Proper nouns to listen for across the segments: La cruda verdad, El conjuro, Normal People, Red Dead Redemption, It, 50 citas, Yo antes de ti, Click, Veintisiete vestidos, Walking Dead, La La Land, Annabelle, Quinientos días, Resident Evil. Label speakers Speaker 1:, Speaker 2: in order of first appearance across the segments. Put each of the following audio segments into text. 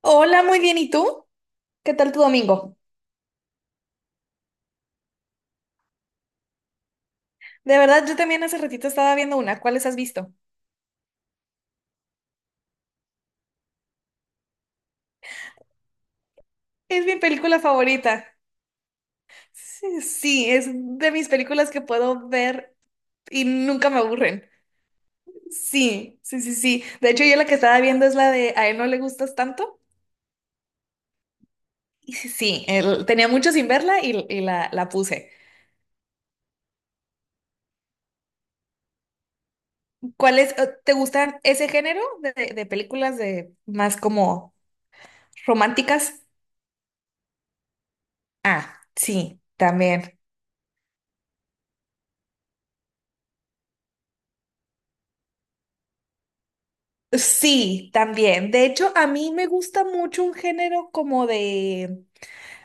Speaker 1: Hola, muy bien. ¿Y tú? ¿Qué tal tu domingo? De verdad, yo también hace ratito estaba viendo una. ¿Cuáles has visto? Es mi película favorita. Sí, sí, es de mis películas que puedo ver y nunca me aburren. Sí, sí, sí, sí. De hecho, yo la que estaba viendo es la de A él no le gustas tanto. Y sí, sí, tenía mucho sin verla y, la puse. ¿Cuál es, te gustan ese género de, de películas de más como románticas? Ah, sí, también. Sí, también. De hecho, a mí me gusta mucho un género como de,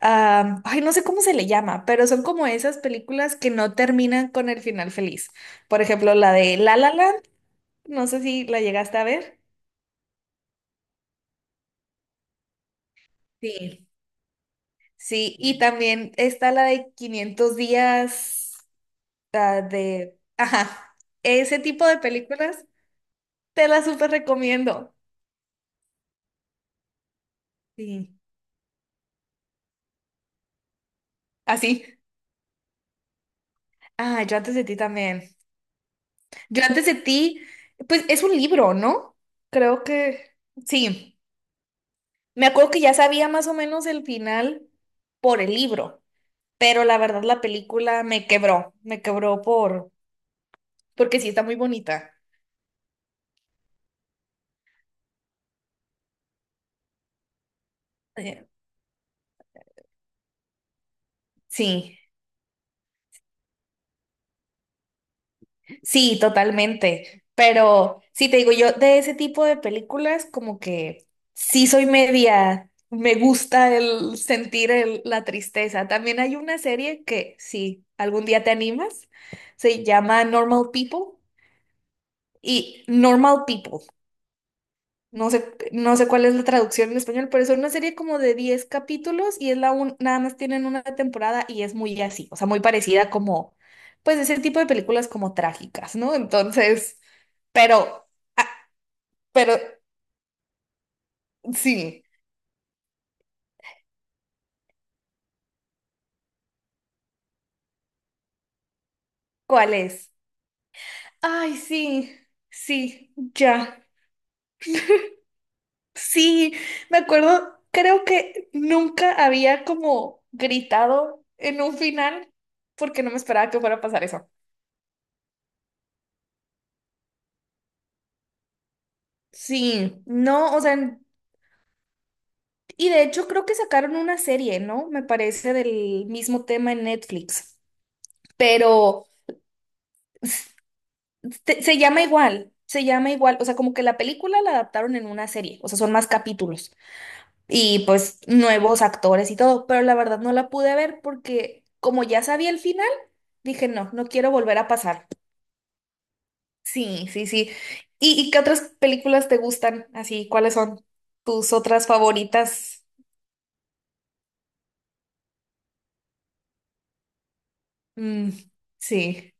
Speaker 1: no sé cómo se le llama, pero son como esas películas que no terminan con el final feliz. Por ejemplo, la de La La Land, no sé si la llegaste a ver. Sí. Sí, y también está la de Quinientos días, ajá, ese tipo de películas te las súper recomiendo. Sí. Así. Ah, yo antes de ti también. Yo antes de ti, pues es un libro, ¿no? Creo que sí. Me acuerdo que ya sabía más o menos el final por el libro, pero la verdad la película me quebró, porque sí está muy bonita. Eh, Sí. Sí, totalmente. Pero sí te digo, yo de ese tipo de películas como que sí soy media, me gusta el sentir la tristeza. También hay una serie que sí, algún día te animas, se llama Normal People. No sé, no sé cuál es la traducción en español, pero es una serie como de 10 capítulos y es nada más tienen una temporada y es muy así, o sea, muy parecida como, pues ese tipo de películas como trágicas, ¿no? Entonces, pero, ah, pero sí, ¿cuál es? Ay, sí, sí, ya, sí, me acuerdo, creo que nunca había como gritado en un final porque no me esperaba que fuera a pasar eso. Sí, no, o sea, y de hecho creo que sacaron una serie, ¿no? Me parece del mismo tema en Netflix, pero se llama igual, o sea, como que la película la adaptaron en una serie, o sea, son más capítulos y pues nuevos actores y todo, pero la verdad no la pude ver porque como ya sabía el final, dije, no, no quiero volver a pasar. Sí, sí, sí. Y qué otras películas te gustan? Así, ¿cuáles son tus otras favoritas? Mm, sí.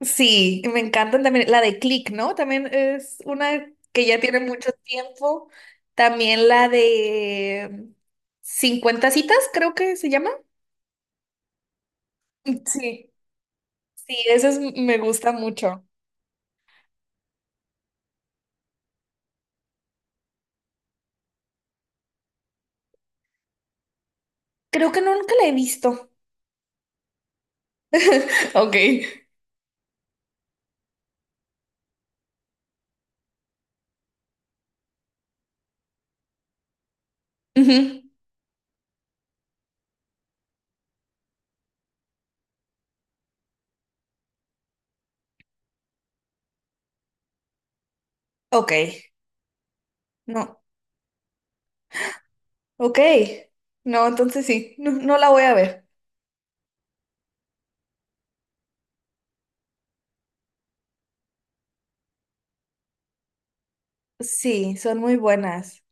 Speaker 1: Sí, y me encantan también. La de Click, ¿no? También es una que ya tiene mucho tiempo. También la de 50 citas, creo que se llama. Sí, sí, esa me gusta mucho. Creo que no, nunca la he visto. Ok. Ujú. Ok. No. Ok. No, entonces sí, no, no la voy a ver. Sí, son muy buenas.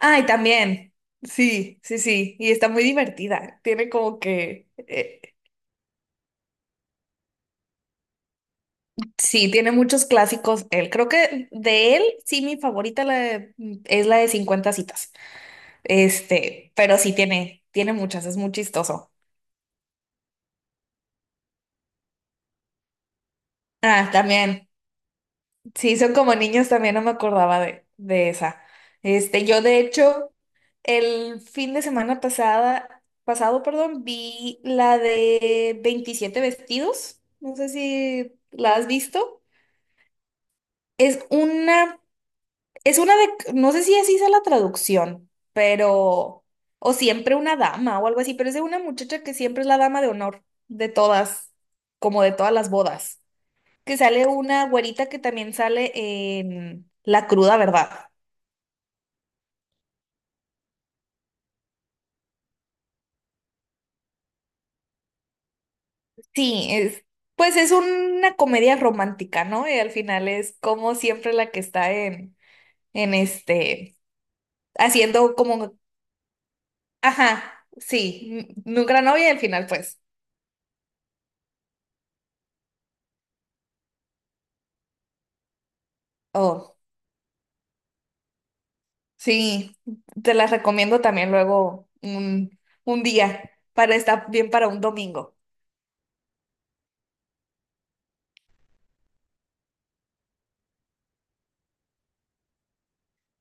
Speaker 1: Ay, también. Sí, sí, sí. Y está muy divertida. Tiene como que sí, tiene muchos clásicos. Él, creo que de él, sí, mi favorita es la de cincuenta citas. Este, pero sí tiene, tiene muchas, es muy chistoso. Ah, también. Sí, son como niños también, no me acordaba de esa. Este, yo de hecho, el fin de semana pasada, pasado, perdón, vi la de veintisiete vestidos. No sé si la has visto. Es una. Es una de, no sé si así sea la traducción, pero, o siempre una dama o algo así, pero es de una muchacha que siempre es la dama de honor de todas, como de todas las bodas, que sale una güerita que también sale en La cruda verdad. Sí, es, pues es una comedia romántica, ¿no? Y al final es como siempre la que está en este, haciendo como, ajá, sí, nunca la novia y al final pues, oh. Sí, te las recomiendo también luego un día para estar bien para un domingo.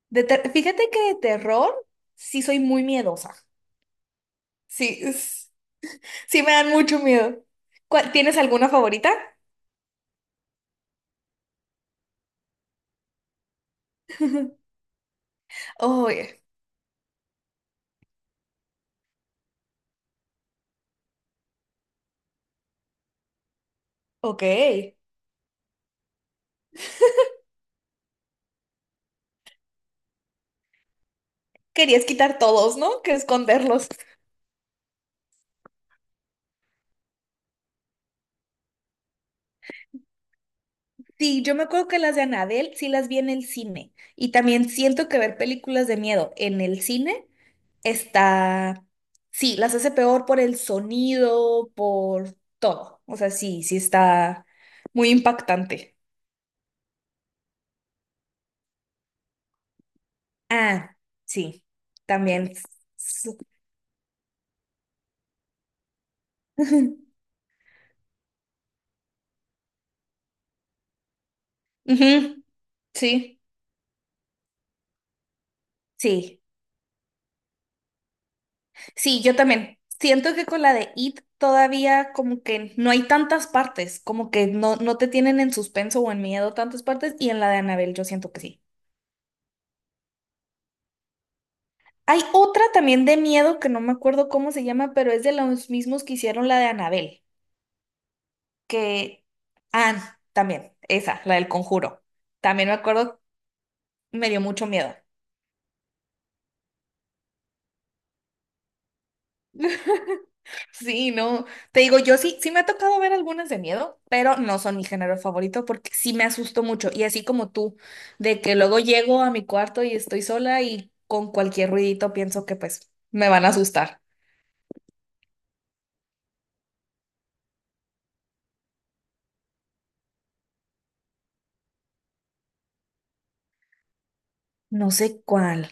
Speaker 1: Fíjate que de terror sí soy muy miedosa. Sí, sí me dan mucho miedo. ¿Tienes alguna favorita? Oye, ok. Querías quitar todos, ¿no? Que esconderlos. Sí, yo me acuerdo que las de Anabel sí las vi en el cine. Y también siento que ver películas de miedo en el cine está, sí, las hace peor por el sonido, por todo. O sea, sí, sí está muy impactante. Ah, sí, también. Su- Ujú, sí, sí, sí, yo también. Siento que con la de It todavía como que no hay tantas partes, como que no, no te tienen en suspenso o en miedo tantas partes, y en la de Annabelle yo siento que sí. Hay otra también de miedo que no me acuerdo cómo se llama, pero es de los mismos que hicieron la de Annabelle. Que... Ah, también, esa, la del conjuro. También me acuerdo, me dio mucho miedo. Sí, no, te digo, yo sí, sí me ha tocado ver algunas de miedo, pero no son mi género favorito porque sí me asusto mucho. Y así como tú, de que luego llego a mi cuarto y estoy sola y con cualquier ruidito pienso que pues me van a asustar. No sé cuál.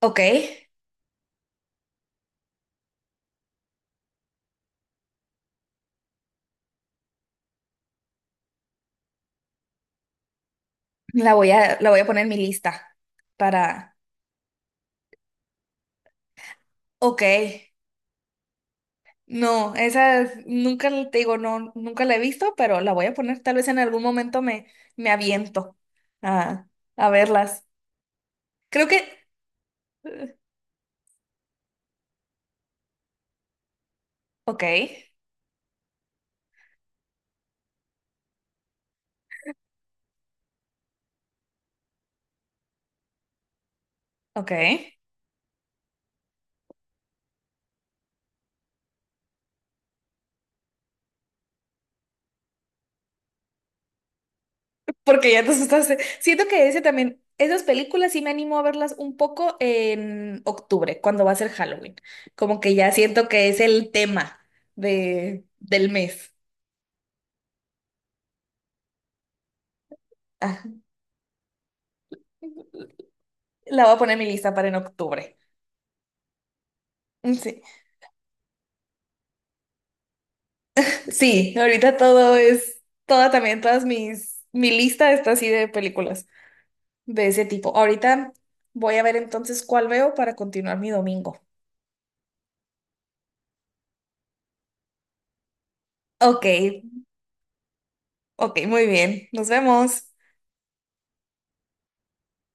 Speaker 1: Ok, la voy a poner en mi lista para... Ok. No, esa nunca te digo, no, nunca la he visto, pero la voy a poner. Tal vez en algún momento me, me aviento a, a verlas. Creo que. eh, Ok, ok. Porque ya te asustaste. Siento que ese también, esas películas sí me animo a verlas un poco en octubre, cuando va a ser Halloween. Como que ya siento que es el tema de, del mes. Ah, la voy a poner en mi lista para en octubre. Sí. Sí, ahorita todo es, toda también, todas mis, mi lista está así de películas de ese tipo. Ahorita voy a ver entonces cuál veo para continuar mi domingo. Ok, ok, muy bien. Nos vemos.